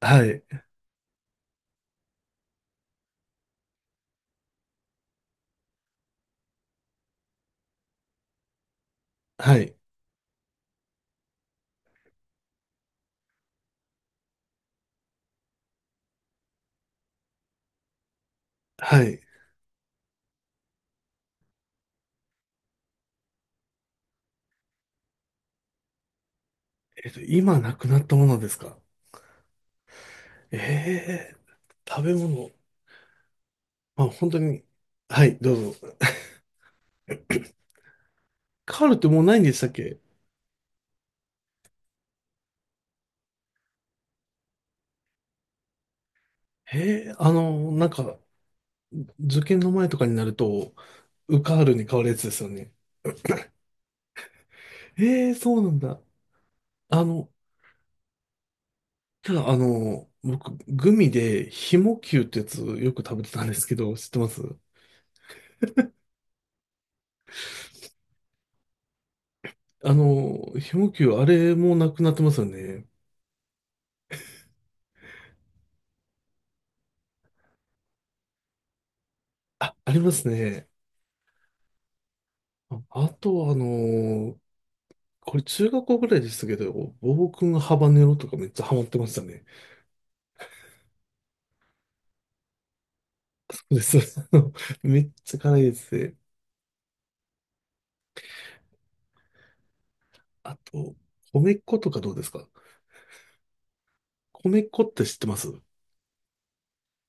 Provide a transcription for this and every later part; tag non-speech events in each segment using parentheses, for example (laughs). はい、はい、はい。今なくなったものですか？ええー食べ物。まあ、本当に。はい、どうぞ。カールってもうないんでしたっけ？ええ、受験の前とかになると、ウカールに変わるやつですよね。ええ、そうなんだ。あの、ただ、僕、グミで、ひもきゅうってやつよく食べてたんですけど、知ってます？ひもきゅう、あれもなくなってますよね。あ、ありますね。ああと、これ中学校ぐらいでしたけど、ボボ君ハバネロとかめっちゃハマってましたね。(laughs) そうです。(laughs) めっちゃ辛いですね。あと、米粉とかどうですか？米粉って知ってます？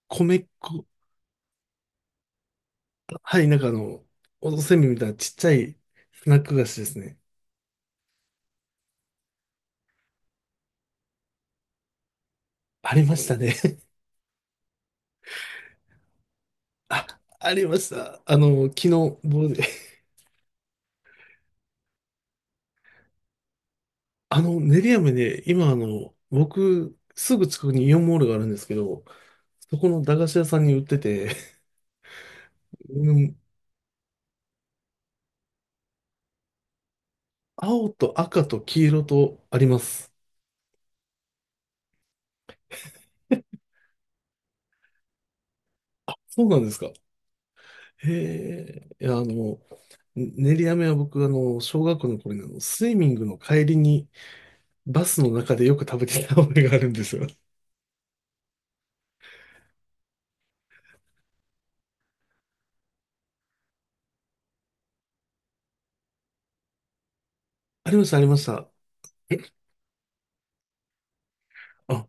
米粉。はい、おせんべいみたいなちっちゃいスナック菓子ですね。ありましたね。(laughs) あ、ありました。昨日、僕で、(laughs) 練り飴で、今僕、すぐ近くにイオンモールがあるんですけど、そこの駄菓子屋さんに売ってて、(laughs) うん、青と赤と黄色とあります。そうなんですか。へえ、いや、練り飴は僕、小学校の頃に、スイミングの帰りに、バスの中でよく食べてた覚えがあるんですよ。(laughs) ありました、ありました。えあ、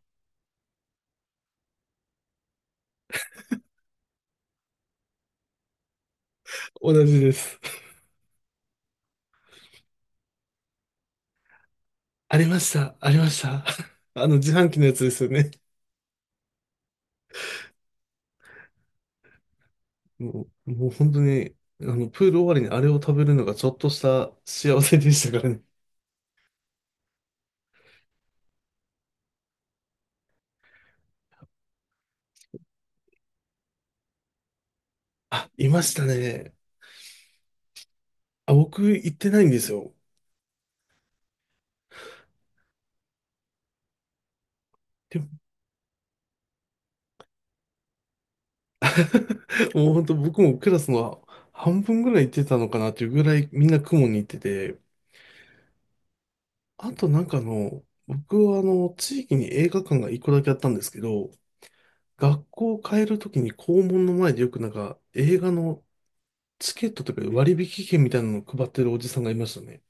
同じです。ありました、ありました。(laughs) 自販機のやつですよね。もう本当に、プール終わりにあれを食べるのがちょっとした幸せでしたからね。あ、いましたね。あ、僕行ってないんですよ。で、 (laughs) もう本当僕もクラスの半分ぐらい行ってたのかなっていうぐらいみんな公文に行ってて、あと僕は地域に映画館が一個だけあったんですけど、学校を変えるときに校門の前でよく映画のチケットとか割引券みたいなのを配ってるおじさんがいましたね。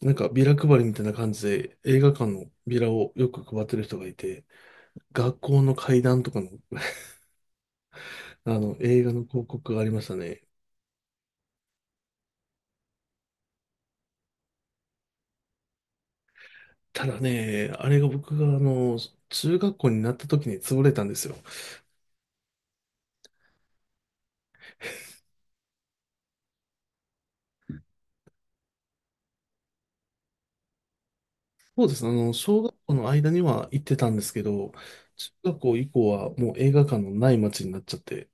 ビラ配りみたいな感じで映画館のビラをよく配ってる人がいて、学校の階段とかのあの映画の広告がありましたね。ただね、あれが僕が中学校になった時に潰れたんですよ。そうですね。小学校の間には行ってたんですけど、中学校以降はもう映画館のない街になっちゃって。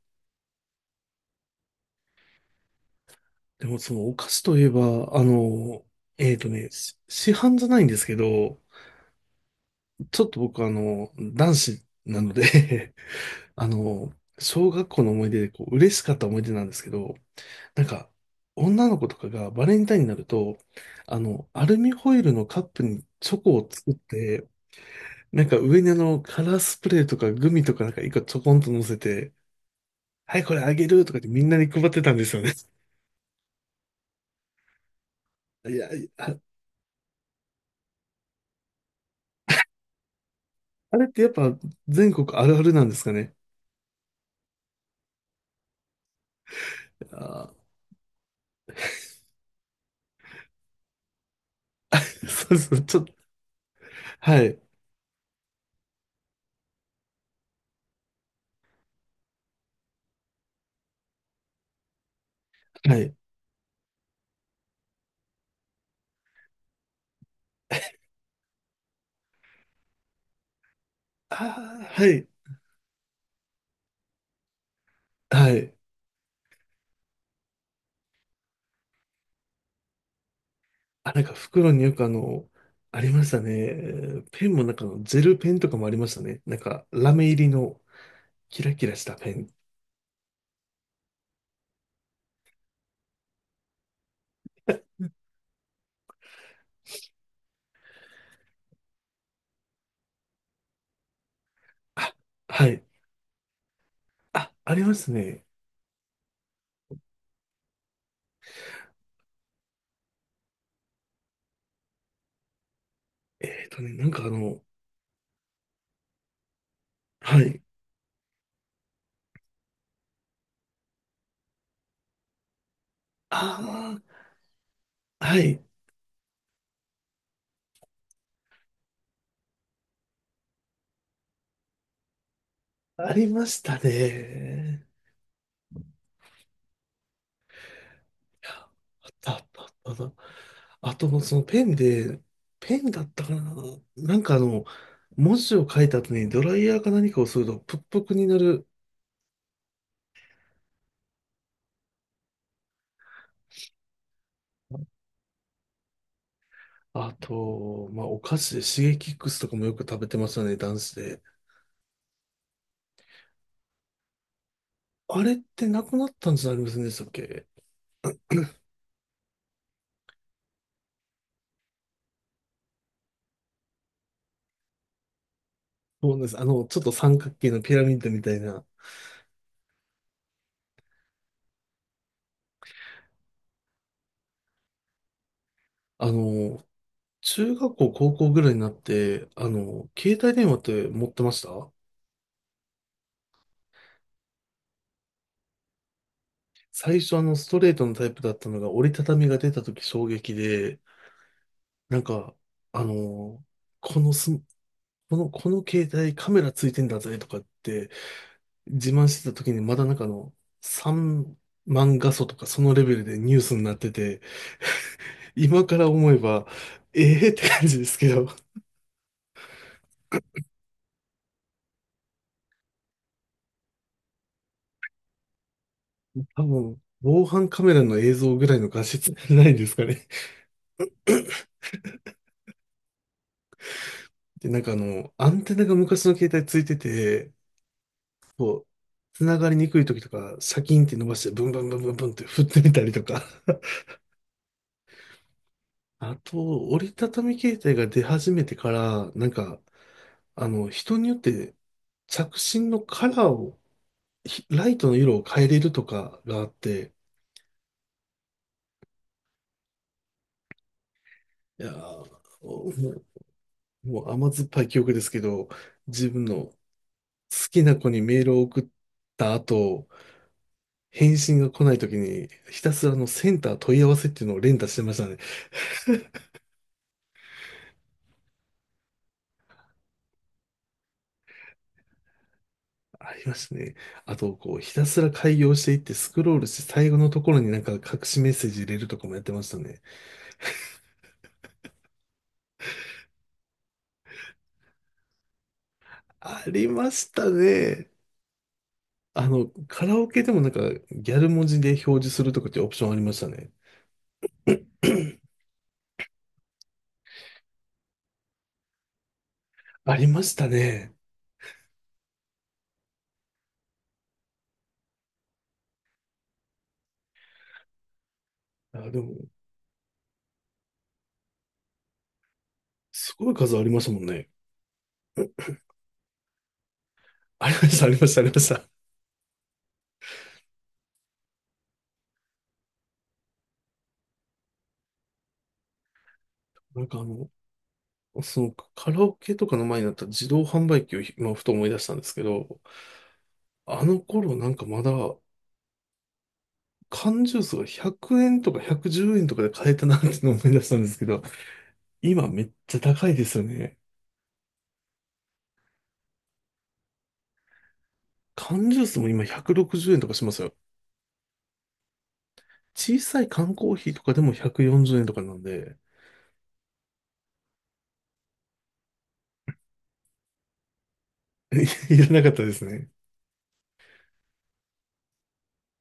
でもそのお菓子といえば、市販じゃないんですけど、ちょっと僕男子なので (laughs) あの、小学校の思い出でこう、嬉しかった思い出なんですけど、なんか、女の子とかがバレンタインになると、アルミホイルのカップにチョコを作って、上にカラースプレーとかグミとか一個ちょこんと乗せて、はい、これあげるとかってみんなに配ってたんですよね。(laughs) いや、あ、あれってやっぱ全国あるあるなんですかね。あー、 (laughs)、そうそう、ちょっと、はい、はい。ああ、はい、はい。あ、袋によくありましたね。ペンもジェルペンとかもありましたね。ラメ入りの。キラキラしたペン。あ、はい。あ、ありますね。えっとね、なんかあの、はい。ああ、はい。ありましたね。あったあったあったあった。あと、そのペンで、ペンだったかな。なんかあの、文字を書いた後にドライヤーか何かをするとプップクになる。あと、まあ、お菓子でシゲキックスとかもよく食べてましたね、男子で。あれってなくなったんじゃありませんでしたっけ？そうです。ちょっと三角形のピラミッドみたいな。あの、中学校、高校ぐらいになって、携帯電話って持ってました？最初ストレートのタイプだったのが折りたたみが出た時衝撃で、なんか、あの、このス、この、この携帯カメラついてんだぜとかって自慢してた時にまだ3万画素とかそのレベルでニュースになってて、今から思えば、ええーって感じですけど、多分、防犯カメラの映像ぐらいの画質じゃないですかね。で、アンテナが昔の携帯ついてて、こう、繋がりにくい時とか、シャキンって伸ばして、ブンブンブンブンブンって振ってみたりとか。(laughs) あと、折りたたみ携帯が出始めてから、人によって着信のカラーを、ひライトの色を変えれるとかがあって、いやー、もう、もう甘酸っぱい記憶ですけど、自分の好きな子にメールを送った後、返信が来ないときに、ひたすらのセンター問い合わせっていうのを連打してましたね。ありましたね。あと、こう、ひたすら開業していってスクロールして最後のところに隠しメッセージ入れるとかもやってましたね。ありましたね。カラオケでもギャル文字で表示するとかっていうオプションありましたね。(clears throat) ありましたね。あ、でも、すごい数ありましたもんね。ありました、ありました、ありました。なんかあの、そのカラオケとかの前になった自動販売機を今ふと思い出したんですけど、あの頃まだ缶ジュースが100円とか110円とかで買えたなっていうのを思い出したんですけど、今めっちゃ高いですよね。缶ジュースも今160円とかしますよ。小さい缶コーヒーとかでも140円とかなんで、(laughs) いらなかったですね。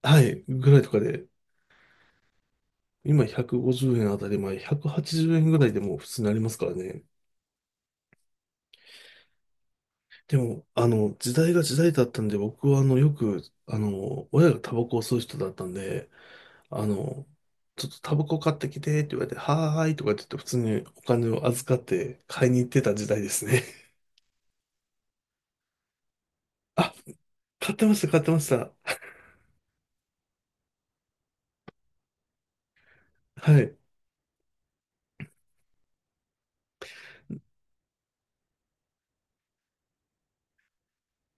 はい、ぐらいとかで、今150円あたり前、180円ぐらいでもう普通になりますからね。でも、時代が時代だったんで、僕はよく、親がタバコを吸う人だったんで、あの、ちょっとタバコ買ってきてって言われて、はーいとかって言って普通にお金を預かって買いに行ってた時代ですね。(laughs) あ、買ってました、買ってました。はい。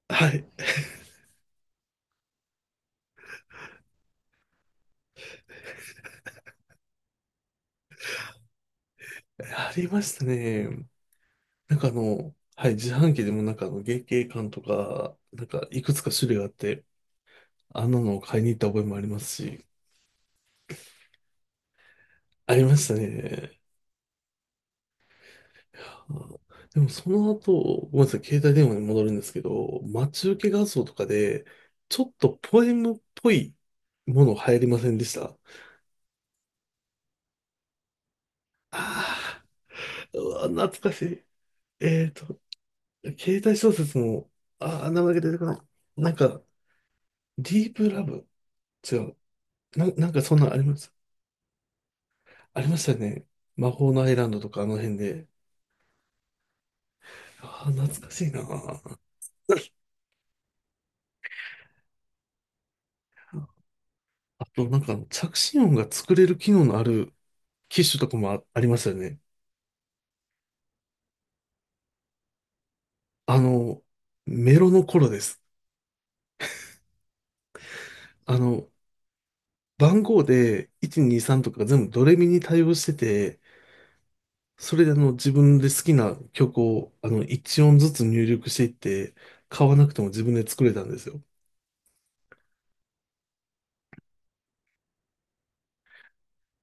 はい。ありましたね。はい、自販機でも月桂冠とか、いくつか種類があって、あんなのを買いに行った覚えもありますし、ありましたね。あでもその後、ごめんなさい、携帯電話に戻るんですけど、待ち受け画像とかで、ちょっとポエムっぽいもの流行りませんでした？ああー、うわ懐かしい。えっと、携帯小説も、ああ、名前が出てこない。なんか、ディープラブ、違う。なんかそんなんあります。ありましたよね。魔法のアイランドとかあの辺で。ああ、懐かしいな。(laughs) あと、着信音が作れる機能のある機種とかもありましたよね。あの、メロの頃です。あの、番号で123とかが全部ドレミに対応してて、それで自分で好きな曲を1音ずつ入力していって、買わなくても自分で作れたんですよ。